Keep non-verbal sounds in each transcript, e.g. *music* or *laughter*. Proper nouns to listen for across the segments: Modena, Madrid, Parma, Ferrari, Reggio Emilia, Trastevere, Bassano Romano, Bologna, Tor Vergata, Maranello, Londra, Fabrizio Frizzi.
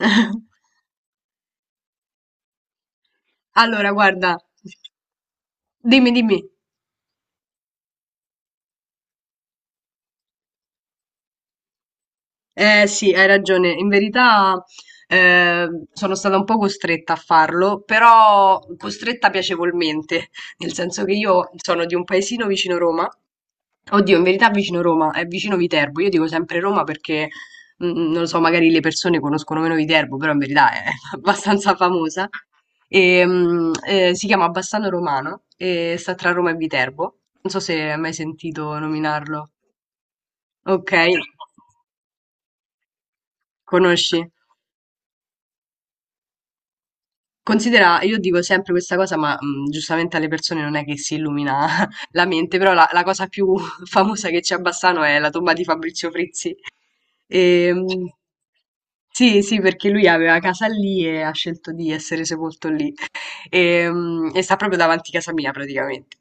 *laughs* Allora, guarda, dimmi, dimmi. Eh sì, hai ragione. In verità sono stata un po' costretta a farlo, però costretta piacevolmente, *laughs* nel senso che io sono di un paesino vicino Roma. Oddio, in verità vicino Roma, è vicino Viterbo. Io dico sempre Roma perché non lo so, magari le persone conoscono meno Viterbo, però in verità è *laughs* abbastanza famosa. E si chiama Bassano Romano e sta tra Roma e Viterbo. Non so se hai mai sentito nominarlo. Ok, conosci? Considera, io dico sempre questa cosa, ma giustamente alle persone non è che si illumina *laughs* la mente, però la cosa più *laughs* famosa che c'è a Bassano è la tomba di Fabrizio Frizzi. E, mh, sì, sì, perché lui aveva casa lì e ha scelto di essere sepolto lì e sta proprio davanti a casa mia praticamente.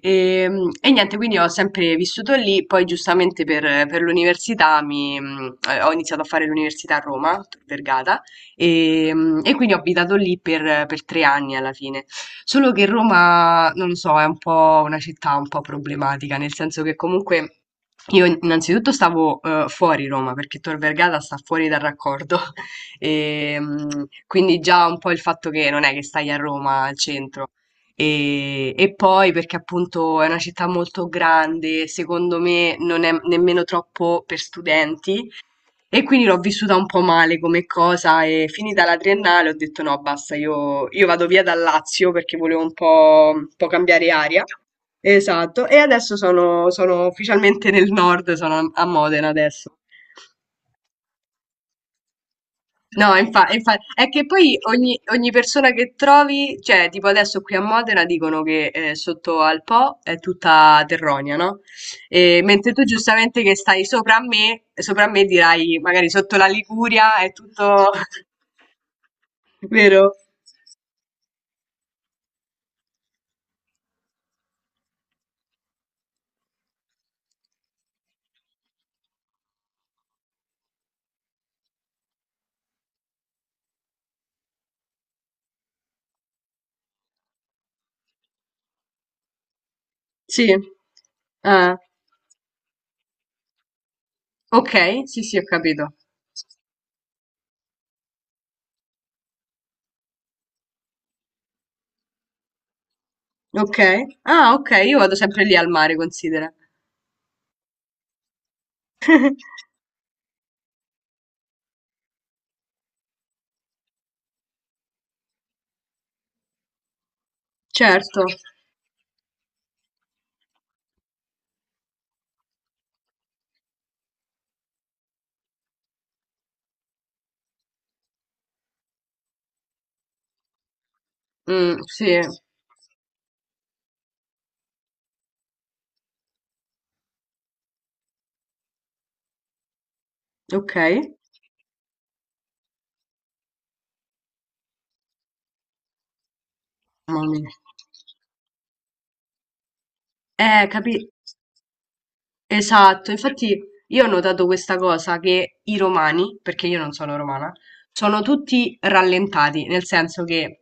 E niente, quindi ho sempre vissuto lì, poi giustamente per, l'università ho iniziato a fare l'università a Roma, Tor Vergata, e quindi ho abitato lì per, 3 anni alla fine. Solo che Roma, non lo so, è un po' una città un po' problematica, nel senso che comunque... Io innanzitutto stavo fuori Roma perché Tor Vergata sta fuori dal raccordo e, quindi già un po' il fatto che non è che stai a Roma al centro. E poi perché appunto è una città molto grande, secondo me non è nemmeno troppo per studenti. E quindi l'ho vissuta un po' male come cosa e, finita la triennale, ho detto no, basta, io vado via dal Lazio perché volevo un po' cambiare aria. Esatto, e adesso sono ufficialmente nel nord, sono a Modena adesso. No, è che poi ogni persona che trovi, cioè tipo adesso qui a Modena dicono che sotto al Po è tutta terronia, no? E mentre tu giustamente, che stai sopra a me dirai magari sotto la Liguria è tutto *laughs* vero? Sì. Ah, ok, sì, sì, ho capito. Ok. Ah, ok, io vado sempre lì al mare, considera. *laughs* Certo. Mm, sì. Ok. Mamma mia. Eh, capi... Esatto, infatti io ho notato questa cosa che i romani, perché io non sono romana, sono tutti rallentati, nel senso che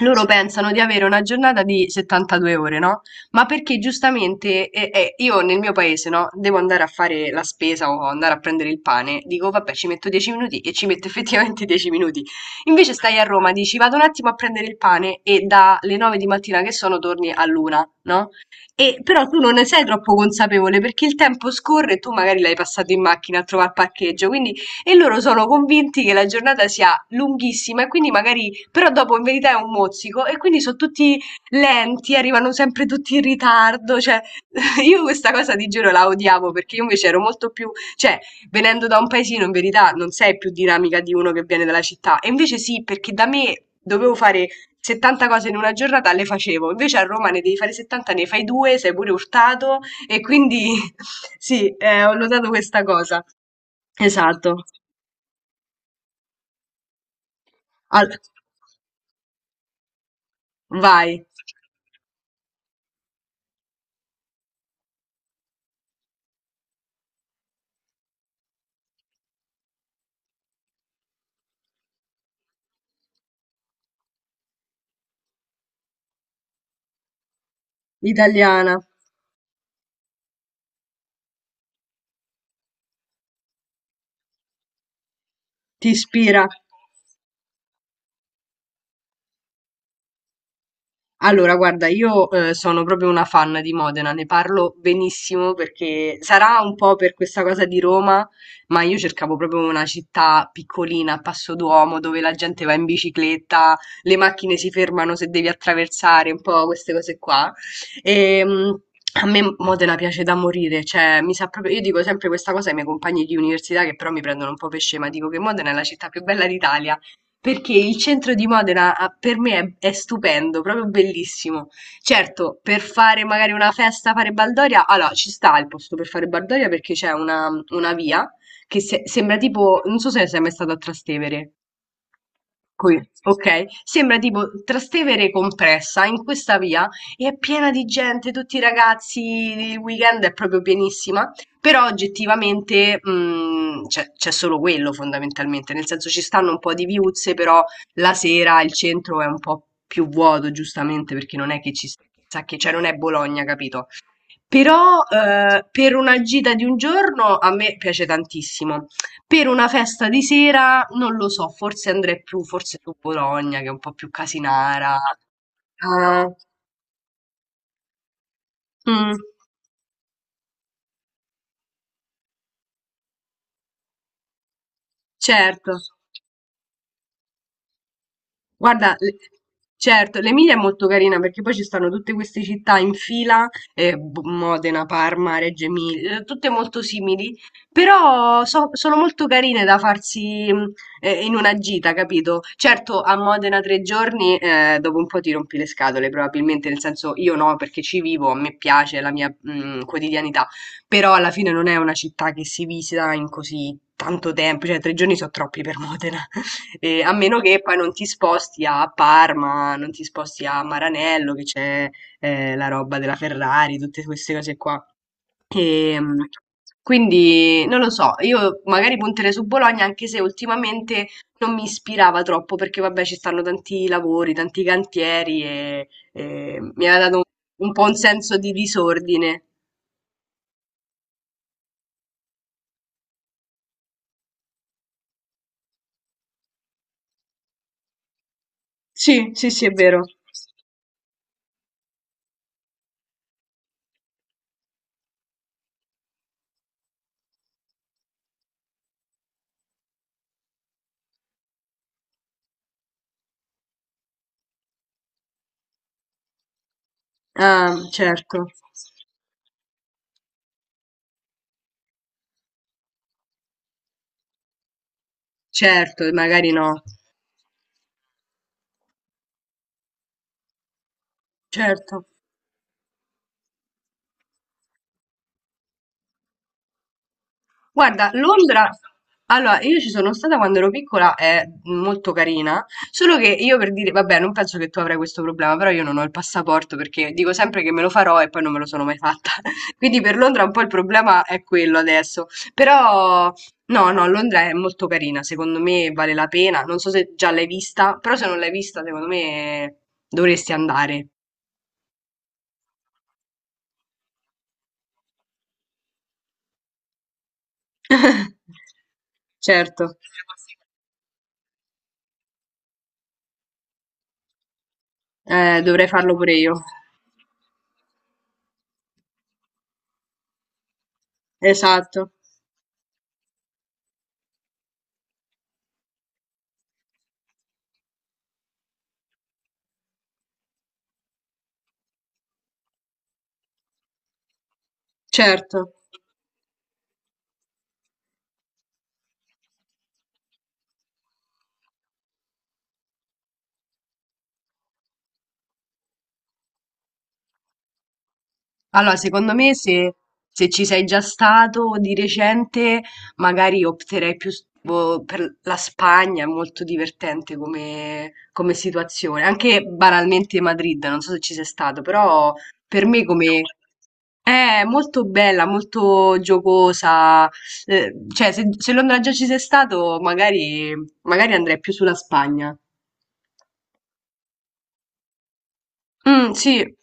loro pensano di avere una giornata di 72 ore, no? Ma perché giustamente io nel mio paese, no, devo andare a fare la spesa o andare a prendere il pane, dico vabbè, ci metto 10 minuti e ci metto *laughs* effettivamente 10 minuti. Invece stai a Roma, dici vado un attimo a prendere il pane e dalle 9 di mattina che sono torni all'una, no? E però tu non ne sei troppo consapevole perché il tempo scorre e tu magari l'hai passato in macchina a trovare il parcheggio, quindi, e loro sono convinti che la giornata sia lunghissima e quindi magari però dopo in verità è un mozzico e quindi sono tutti lenti, arrivano sempre tutti in ritardo, cioè, *laughs* io questa cosa di giro la odiavo perché io invece ero molto più, cioè, venendo da un paesino in verità non sei più dinamica di uno che viene dalla città, e invece sì, perché da me dovevo fare 70 cose in una giornata, le facevo, invece a Roma ne devi fare 70, ne fai due, sei pure urtato e quindi *laughs* sì, ho notato questa cosa. Esatto. Al- Vai, italiana, ti ispira. Allora, guarda, io sono proprio una fan di Modena, ne parlo benissimo perché sarà un po' per questa cosa di Roma, ma io cercavo proprio una città piccolina, a passo d'uomo, dove la gente va in bicicletta, le macchine si fermano se devi attraversare, un po' queste cose qua. E a me Modena piace da morire, cioè mi sa proprio, io dico sempre questa cosa ai miei compagni di università, che però mi prendono un po' per scema, dico che Modena è la città più bella d'Italia perché il centro di Modena, per me, è stupendo, proprio bellissimo. Certo, per fare magari una festa, fare baldoria, allora ci sta il posto per fare baldoria perché c'è una via che sembra tipo, non so se sei mai stato a Trastevere. Qui, ok? Sembra tipo Trastevere compressa in questa via e è piena di gente, tutti i ragazzi, il weekend è proprio pienissima, però oggettivamente c'è solo quello fondamentalmente, nel senso ci stanno un po' di viuzze, però la sera il centro è un po' più vuoto, giustamente, perché non è che ci sa che, cioè non è Bologna, capito? Però per una gita di un giorno a me piace tantissimo. Per una festa di sera non lo so, forse andrei più, forse su Bologna, che è un po' più casinara. Ah, mm, certo. Guarda, certo, l'Emilia è molto carina perché poi ci stanno tutte queste città in fila, Modena, Parma, Reggio Emilia, tutte molto simili, però sono molto carine da farsi, in una gita, capito? Certo, a Modena 3 giorni, dopo un po' ti rompi le scatole, probabilmente, nel senso io no, perché ci vivo, a me piace, è la mia quotidianità, però alla fine non è una città che si visita in così tanto tempo, cioè 3 giorni sono troppi per Modena. A meno che poi non ti sposti a Parma, non ti sposti a Maranello, che c'è la roba della Ferrari, tutte queste cose qua. E quindi non lo so, io magari punterei su Bologna, anche se ultimamente non mi ispirava troppo, perché vabbè ci stanno tanti lavori, tanti cantieri e mi ha dato un po' un senso di disordine. Sì, sì, sì, è vero. Ah, certo, certo, magari no, certo. Guarda, Londra, allora io ci sono stata quando ero piccola, è molto carina, solo che io, per dire, vabbè, non penso che tu avrai questo problema, però io non ho il passaporto perché dico sempre che me lo farò e poi non me lo sono mai fatta. *laughs* Quindi per Londra un po' il problema è quello adesso. Però no, no, Londra è molto carina, secondo me vale la pena. Non so se già l'hai vista, però se non l'hai vista, secondo me dovresti andare. *laughs* Certo, dovrei farlo pure io. Esatto. Certo. Allora, secondo me, se ci sei già stato di recente, magari opterei più boh, per la Spagna, è molto divertente come situazione. Anche banalmente Madrid, non so se ci sei stato, però per me come... È molto bella, molto giocosa. Cioè, se Londra già ci sei stato, magari andrei più sulla Spagna. Mm, sì.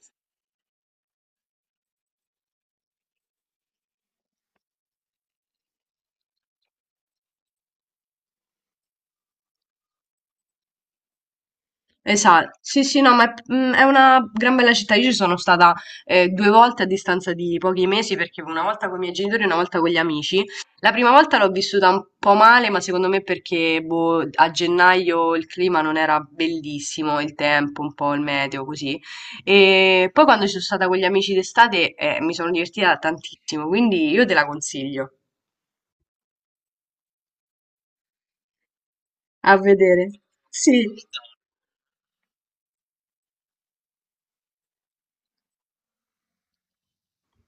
Esa sì, sì, no, ma è una gran bella città. Io ci sono stata, 2 volte a distanza di pochi mesi, perché una volta con i miei genitori e una volta con gli amici. La prima volta l'ho vissuta un po' male, ma secondo me perché, boh, a gennaio il clima non era bellissimo, il tempo, un po' il meteo, così. E poi, quando ci sono stata con gli amici d'estate, mi sono divertita tantissimo, quindi io te la consiglio. A vedere. Sì.